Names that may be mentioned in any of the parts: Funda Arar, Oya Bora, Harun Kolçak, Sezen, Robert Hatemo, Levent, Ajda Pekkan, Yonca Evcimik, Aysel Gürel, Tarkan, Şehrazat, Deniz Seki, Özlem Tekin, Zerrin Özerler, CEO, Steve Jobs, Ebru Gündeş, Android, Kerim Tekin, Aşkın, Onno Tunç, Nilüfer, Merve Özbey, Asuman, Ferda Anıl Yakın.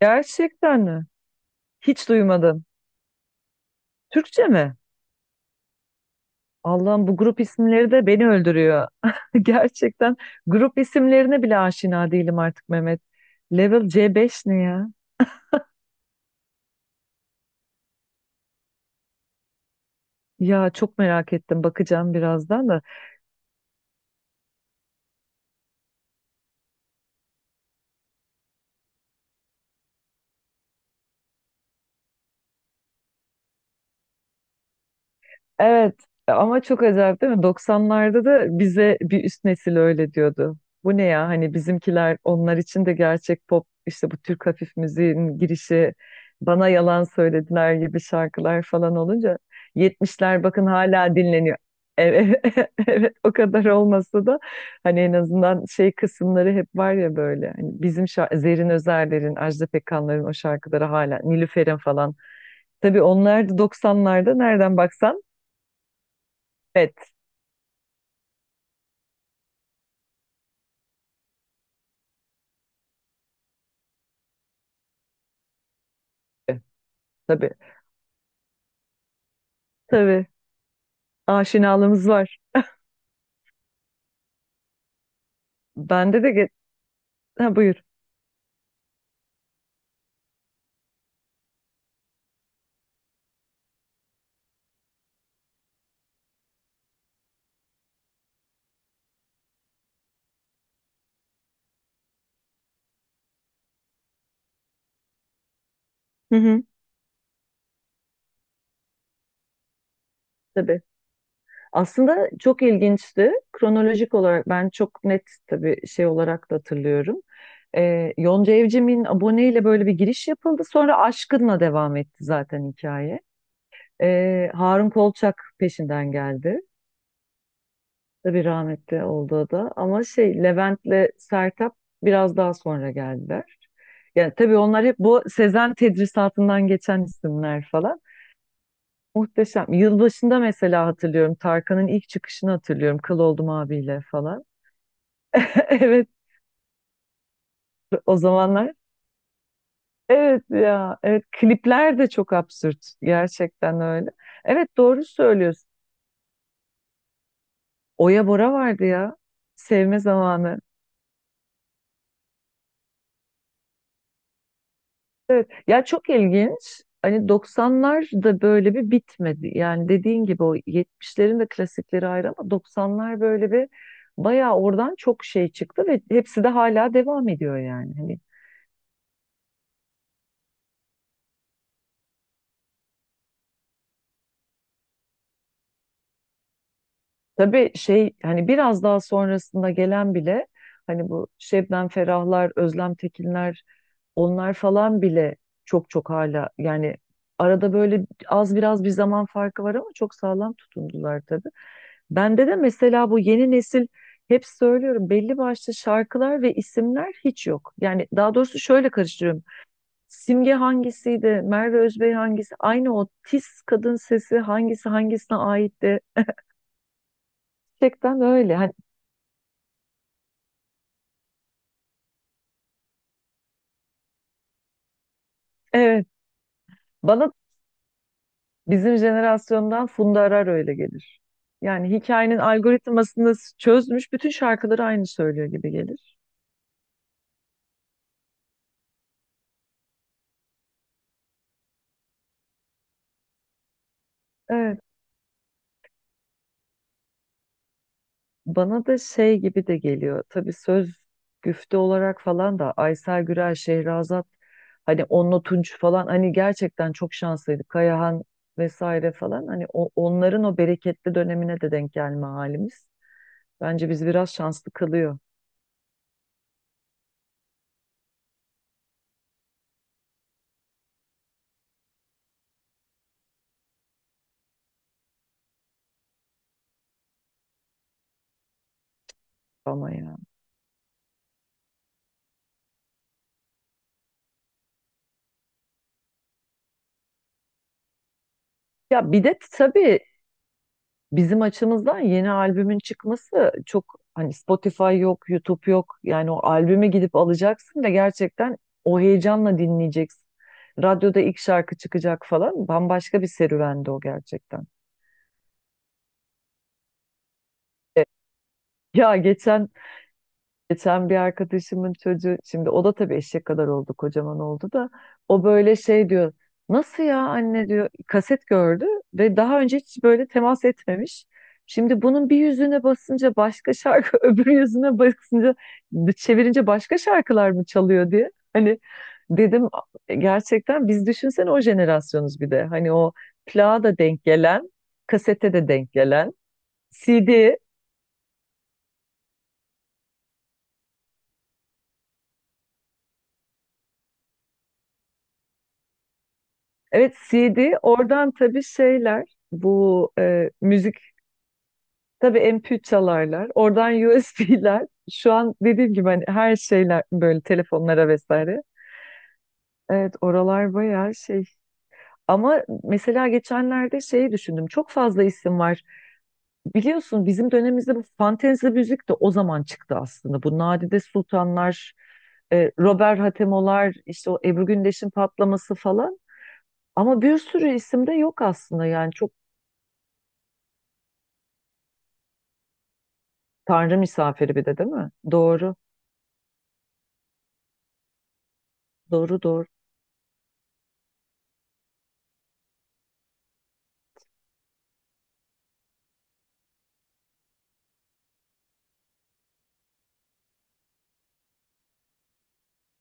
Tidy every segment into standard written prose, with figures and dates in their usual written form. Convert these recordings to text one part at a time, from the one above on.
Gerçekten mi? Hiç duymadım. Türkçe mi? Allah'ım bu grup isimleri de beni öldürüyor. Gerçekten grup isimlerine bile aşina değilim artık Mehmet. Level C5 ne ya? Ya çok merak ettim bakacağım birazdan da. Evet, ama çok acayip değil mi? Doksanlarda da bize bir üst nesil öyle diyordu. Bu ne ya, hani bizimkiler onlar için de gerçek pop, işte bu Türk hafif müziğin girişi bana yalan söylediler gibi şarkılar falan olunca. 70'ler bakın hala dinleniyor. Evet, evet o kadar olmasa da hani en azından şey kısımları hep var ya, böyle hani bizim şarkı, Zerrin Özerler'in, Ajda Pekkan'ların o şarkıları hala, Nilüfer'in falan. Tabii onlar da doksanlarda nereden baksan evet. Tabii, tabii. Aşinalığımız var. Bende de ge- ha, buyur. Hı hı, tabii. Aslında çok ilginçti. Kronolojik olarak ben çok net tabii şey olarak da hatırlıyorum. Yonca Evcimik'in aboneyle böyle bir giriş yapıldı. Sonra Aşkın'la devam etti zaten hikaye. Harun Kolçak peşinden geldi. Tabii rahmetli oldu o da. Ama şey, Levent'le Sertab biraz daha sonra geldiler. Yani tabii onlar hep bu Sezen tedrisatından geçen isimler falan. Muhteşem. Yılbaşında mesela hatırlıyorum. Tarkan'ın ilk çıkışını hatırlıyorum. Kıl oldum abiyle falan. Evet, o zamanlar. Evet ya. Evet, klipler de çok absürt. Gerçekten öyle. Evet, doğru söylüyorsun. Oya Bora vardı ya. Sevme zamanı. Ya çok ilginç. Hani 90'lar da böyle bir bitmedi. Yani dediğin gibi o 70'lerin de klasikleri ayrı ama 90'lar böyle bir bayağı oradan çok şey çıktı ve hepsi de hala devam ediyor yani. Hani tabii şey, hani biraz daha sonrasında gelen bile, hani bu Şebnem Ferahlar, Özlem Tekinler, onlar falan bile çok çok hala yani, arada böyle az biraz bir zaman farkı var ama çok sağlam tutundular tabii. Bende de mesela bu yeni nesil, hep söylüyorum, belli başlı şarkılar ve isimler hiç yok. Yani daha doğrusu şöyle karıştırıyorum. Simge hangisiydi, Merve Özbey hangisi, aynı o tiz kadın sesi hangisi hangisine aitti. Gerçekten öyle. Hani, evet. Bana bizim jenerasyondan Funda Arar öyle gelir. Yani hikayenin algoritmasını çözmüş, bütün şarkıları aynı söylüyor gibi gelir. Evet. Bana da şey gibi de geliyor. Tabii söz, güfte olarak falan da Aysel Gürel, Şehrazat, hani Onno Tunç falan, hani gerçekten çok şanslıydı. Kayahan vesaire falan, hani onların o bereketli dönemine de denk gelme halimiz. Bence bizi biraz şanslı kılıyor ama ya. Ya bir de tabii bizim açımızdan yeni albümün çıkması çok, hani Spotify yok, YouTube yok. Yani o albümü gidip alacaksın ve gerçekten o heyecanla dinleyeceksin. Radyoda ilk şarkı çıkacak falan. Bambaşka bir serüvendi o gerçekten. Ya geçen Geçen bir arkadaşımın çocuğu, şimdi o da tabii eşek kadar oldu, kocaman oldu da o böyle şey diyor, nasıl ya anne diyor, kaset gördü ve daha önce hiç böyle temas etmemiş. Şimdi bunun bir yüzüne basınca başka şarkı, öbür yüzüne basınca, çevirince başka şarkılar mı çalıyor diye. Hani dedim, gerçekten biz düşünsene o jenerasyonuz bir de. Hani o plağa da denk gelen, kasete de denk gelen, CD. Evet, CD oradan tabii şeyler, bu müzik, tabii MP3 çalarlar oradan, USB'ler şu an dediğim gibi, hani her şeyler böyle telefonlara vesaire. Evet, oralar bayağı şey, ama mesela geçenlerde şeyi düşündüm, çok fazla isim var biliyorsun bizim dönemimizde. Bu fantezi müzik de o zaman çıktı aslında, bu Nadide Sultanlar, Robert Hatemo'lar, işte o Ebru Gündeş'in patlaması falan, ama bir sürü isim de yok aslında yani çok. Tanrı misafiri bir de değil mi? Doğru. Doğru doğru.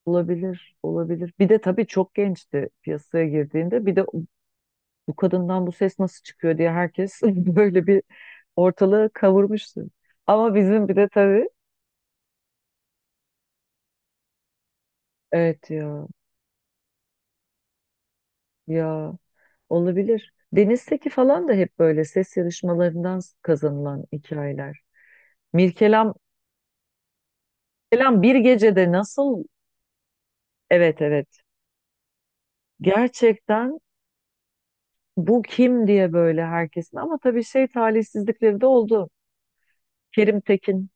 Olabilir. Olabilir. Bir de tabii çok gençti piyasaya girdiğinde. Bir de bu kadından bu ses nasıl çıkıyor diye herkes böyle bir ortalığı kavurmuştu. Ama bizim bir de tabii evet ya, ya olabilir. Deniz Seki falan da hep böyle ses yarışmalarından kazanılan hikayeler. Mirkelam Mirkelam bir gecede nasıl, evet evet, gerçekten bu kim diye böyle herkesin, ama tabii şey, talihsizlikleri de oldu. Kerim Tekin.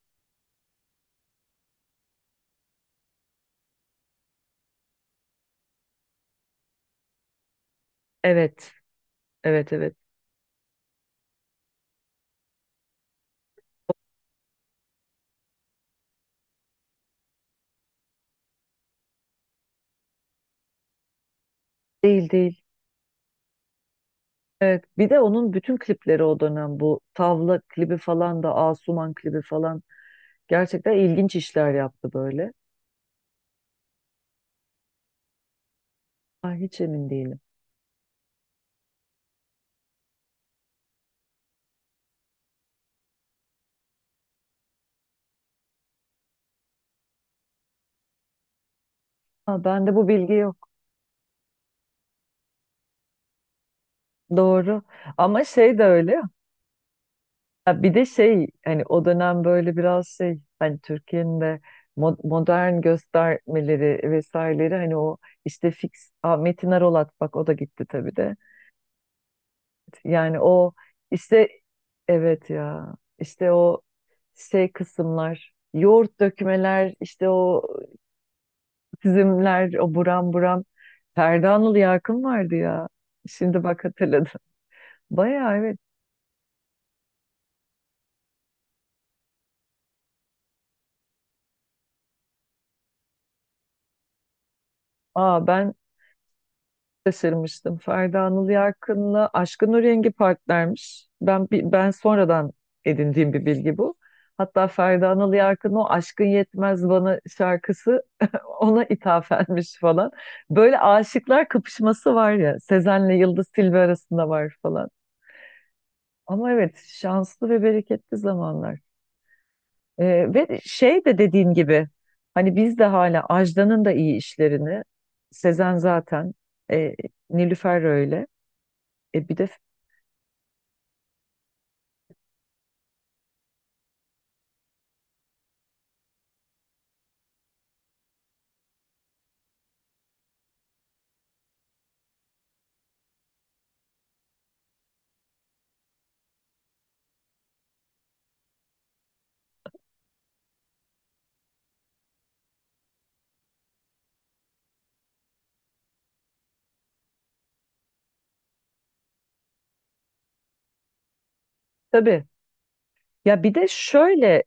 Evet. Evet evet. Değil değil. Evet. Bir de onun bütün klipleri o dönem bu. Tavla klibi falan da, Asuman klibi falan. Gerçekten ilginç işler yaptı böyle. Ay hiç emin değilim. Ha, bende bu bilgi yok. Doğru. Ama şey de öyle ya. Ha, bir de şey, hani o dönem böyle biraz şey, hani Türkiye'nin de modern göstermeleri vesaireleri, hani o işte fix. Aa, Metin Arolat, bak o da gitti tabii de. Yani o işte, evet ya, işte o şey kısımlar, yoğurt dökmeler, işte o çizimler o buram buram. Ferda Anıl Yakın vardı ya. Şimdi bak hatırladım. Bayağı evet. Aa ben şaşırmıştım. Ferdi Anıl Yarkın'la Aşkın O Rengi partnermiş. Ben sonradan edindiğim bir bilgi bu. Hatta Ferdi Anıl Yarkın, o Aşkın Yetmez Bana şarkısı ona ithafenmiş falan. Böyle aşıklar kapışması var ya, Sezen'le Yıldız Tilbe arasında var falan. Ama evet, şanslı ve bereketli zamanlar. Ve şey de dediğin gibi, hani biz de hala Ajda'nın da iyi işlerini, Sezen zaten, e, Nilüfer öyle. E bir de tabii. Ya bir de şöyle,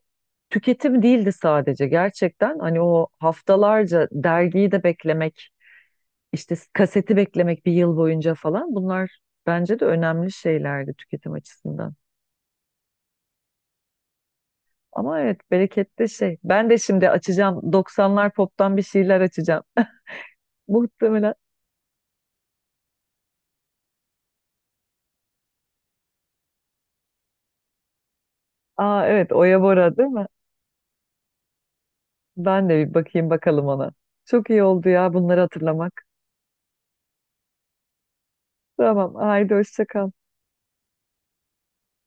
tüketim değildi sadece gerçekten. Hani o haftalarca dergiyi de beklemek, işte kaseti beklemek bir yıl boyunca falan, bunlar bence de önemli şeylerdi tüketim açısından. Ama evet, bereketli şey. Ben de şimdi açacağım, 90'lar pop'tan bir şeyler açacağım. Muhtemelen. Aa evet, Oya Bora değil mi? Ben de bir bakayım bakalım ona. Çok iyi oldu ya bunları hatırlamak. Tamam, haydi hoşça kal.